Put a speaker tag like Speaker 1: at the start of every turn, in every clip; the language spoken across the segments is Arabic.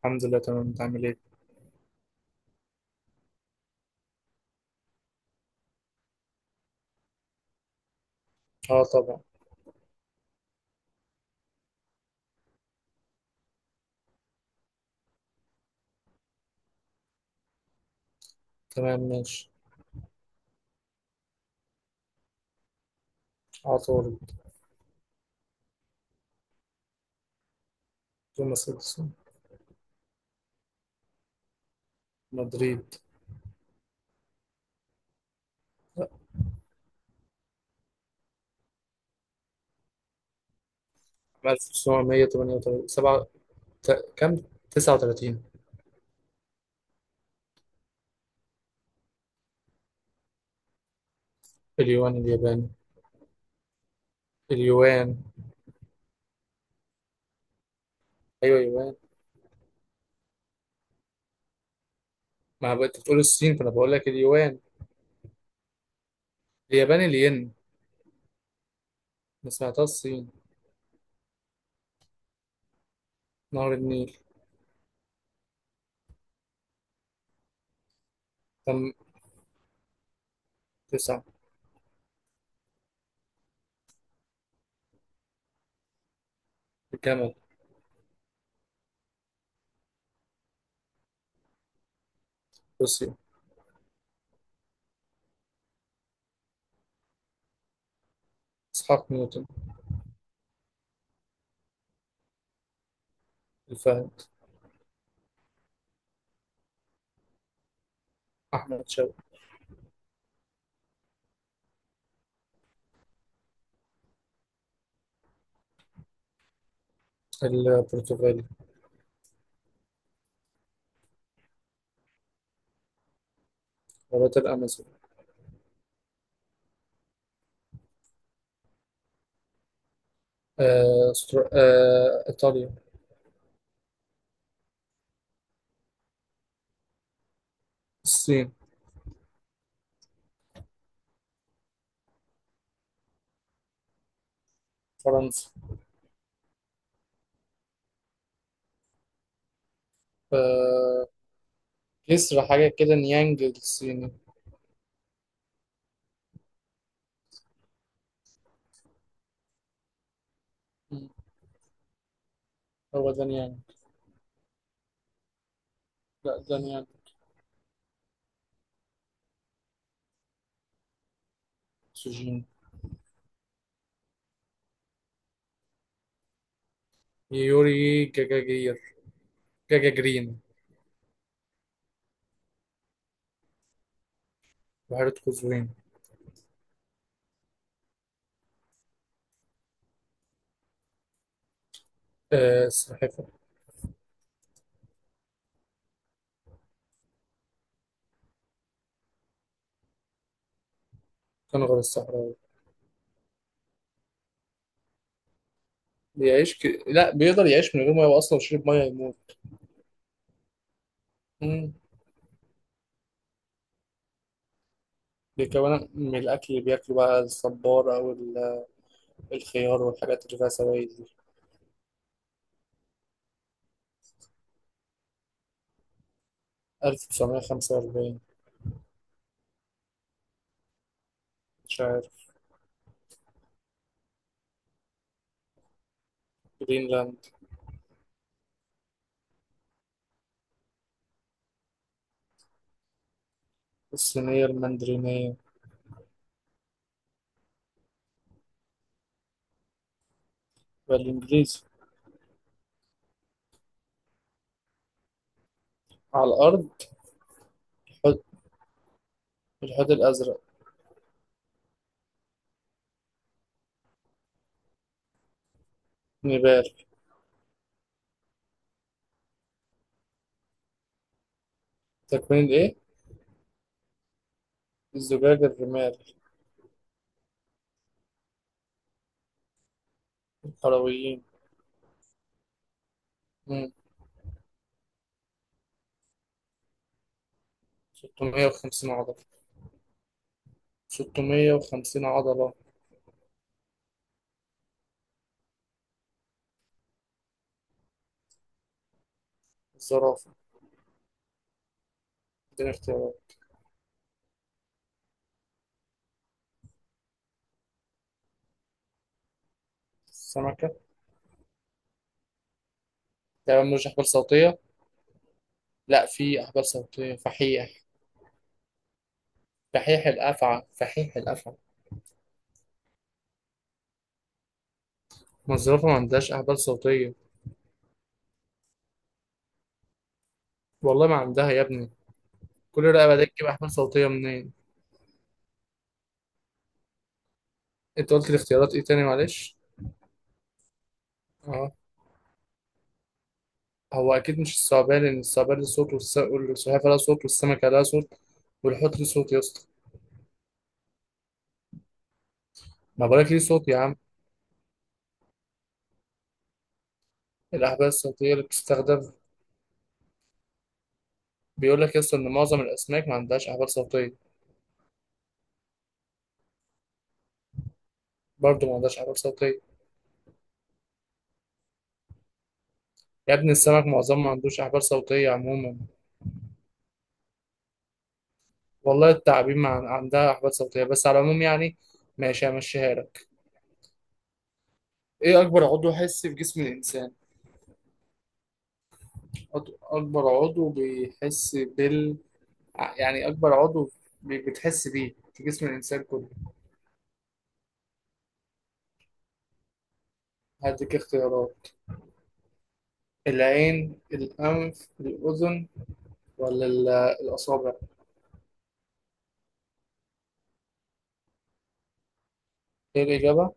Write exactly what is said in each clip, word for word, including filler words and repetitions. Speaker 1: الحمد لله، تمام. انت عامل ايه؟ اه، طبعا. تمام، ماشي. عطارد. توماس اديسون. مدريد. ألف وتسعمية وتمنية وتلاتين سبعة، ت... كم، تسعة وتلاتين. اليوان الياباني. اليوان. ايوه، يوان. ما بقى انت بتقول الصين، فانا بقول لك اليوان. الياباني، الين. ما سمعتها الصين. نهر النيل. تم تسعة. الجمل. روسيا. اسحاق نيوتن. الفهد. احمد شوقي. البرتغالي. غابات الامازون. آه... استر... آه... ايطاليا. الصين، فرنسا. آه، جسر حاجة كده نيانج الصيني. مم. هو ده نيانج. لا، ده نيانج. سجين. يوري جاجاجير. جاجاجرين. بحيرة قزوين. آه، السلحفة. كنغر الصحراوي. بيعيش ك... لا، بيقدر يعيش من غير مية، وأصلا لو شرب مية يموت. مم. بيكون من الأكل اللي بياكله بقى الصبار أو ال- الخيار والحاجات اللي فيها سوائل دي. ألف وتسعمية وخمسة وأربعين. مش عارف. جرينلاند. الصينية المندرينية. والإنجليزي. على الأرض. الحوت. الحوت الأزرق. نيبال. تكوين الإيه؟ الزجاج، الرمال. الحلويين. مم. 650 عضلة. 650 عضلة. الزرافة. اديني اختيارات. السمكة. تمام، مش أحبال صوتية. لا، في أحبال صوتية، فحيح. فحيح الأفعى، فحيح الأفعى. ما الزرافة ما عندهاش أحبال صوتية. والله ما عندها يا ابني. كل رقبة دي تجيب أحبال صوتية منين؟ أنت قلت الاختيارات إيه تاني، معلش؟ آه. هو أكيد مش الثعبان، لأن الثعبان له صوت، والس- والسلحفاة لها صوت، والسمكة لها صوت، والحوت ليه صوت يا اسطى. ما بقولك ليه صوت يا عم. الأحبال الصوتية اللي بتستخدم. بيقول لك يا اسطى إن معظم الأسماك ما عندهاش أحبال صوتية. برضه ما عندهاش أحبال صوتية. يا ابني، السمك معظمها ما عندوش أحبال صوتية عموما. والله التعابين ما عن- عندها أحبال صوتية، بس على العموم يعني. ماشي، همشيها لك. إيه أكبر عضو حسي في جسم الإنسان؟ أط- أكبر عضو بيحس بال ع- يعني أكبر عضو بي- بتحس بيه في جسم الإنسان كله. هديك اختيارات. العين، الأنف، الأذن، ولا ال- الأصابع. إيه الإجابة؟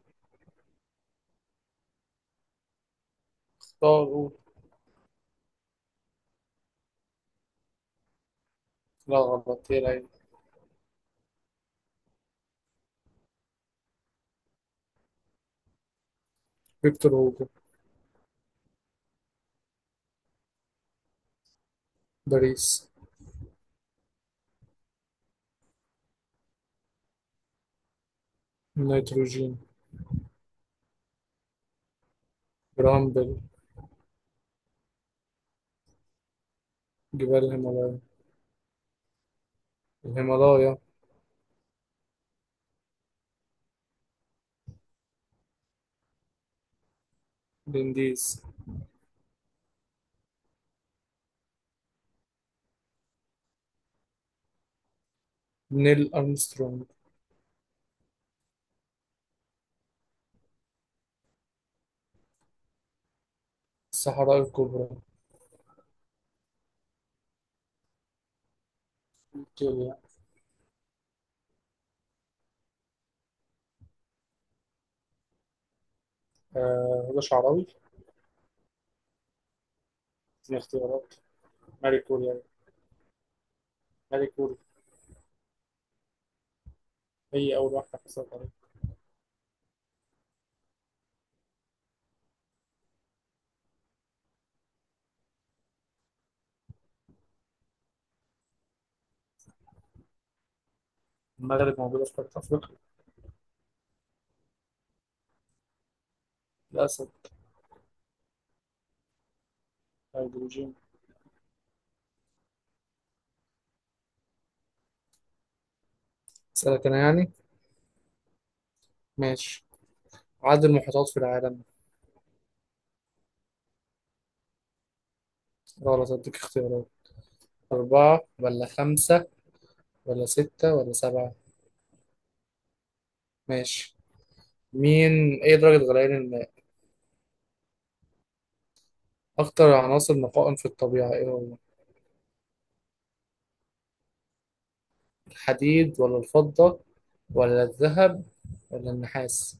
Speaker 1: اختاروا. لا غلط، هي العين. فيكتور هوجو. باريس. النيتروجين. برامبل. جبال الهيمالايا. الهيمالايا. الانديز. نيل أرمسترونج. الصحراء الكبرى. فيكتوريا. آه هدى شعراوي. دي اختيارات. ماري كوريا. ماري كوري. هي أول واحدة حصلت عليها. المغرب موجودة في قارة أفريقيا. الأسد. هيدروجين. أسألك أنا يعني. ماشي. عدد المحيطات في العالم. غلط، أديك اختيارات. أربعة ولا خمسة ولا ستة ولا سبعة. ماشي. مين إيه درجة غليان الماء؟ أكتر عناصر نقاء في الطبيعة إيه هو؟ الحديد ولا الفضة ولا الذهب ولا النحاس.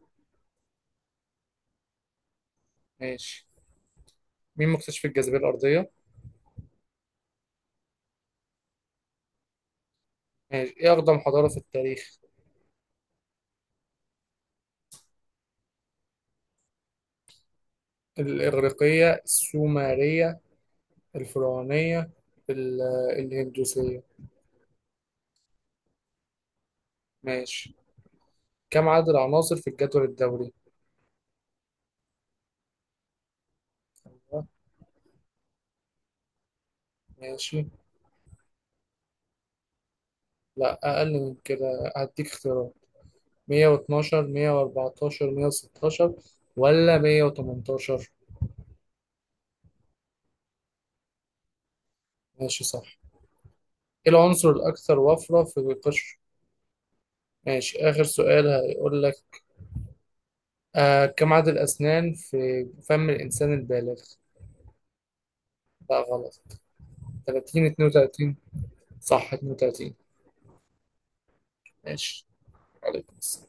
Speaker 1: ماشي. مين مكتشف الجاذبية الأرضية؟ ماشي. إيه أقدم حضارة في التاريخ؟ الإغريقية، السومرية، الفرعونية، ال- الهندوسية. ماشي. كم عدد العناصر في الجدول الدوري؟ أيوة. ماشي. لا، أقل من كده، هديك اختيارات. مية واتناشر، مية وأربعتاشر، مية وستاشر، ولا مية وتمنتاشر. ماشي، صح. إيه العنصر الأكثر وفرة في القشر؟ ماشي، آخر سؤال هيقول لك. آه، كم عدد الأسنان في فم الإنسان البالغ؟ لا غلط. ثلاثين، اثنين وثلاثين. صح، اتنين وتلاتين. ماشي. عليكم السلام.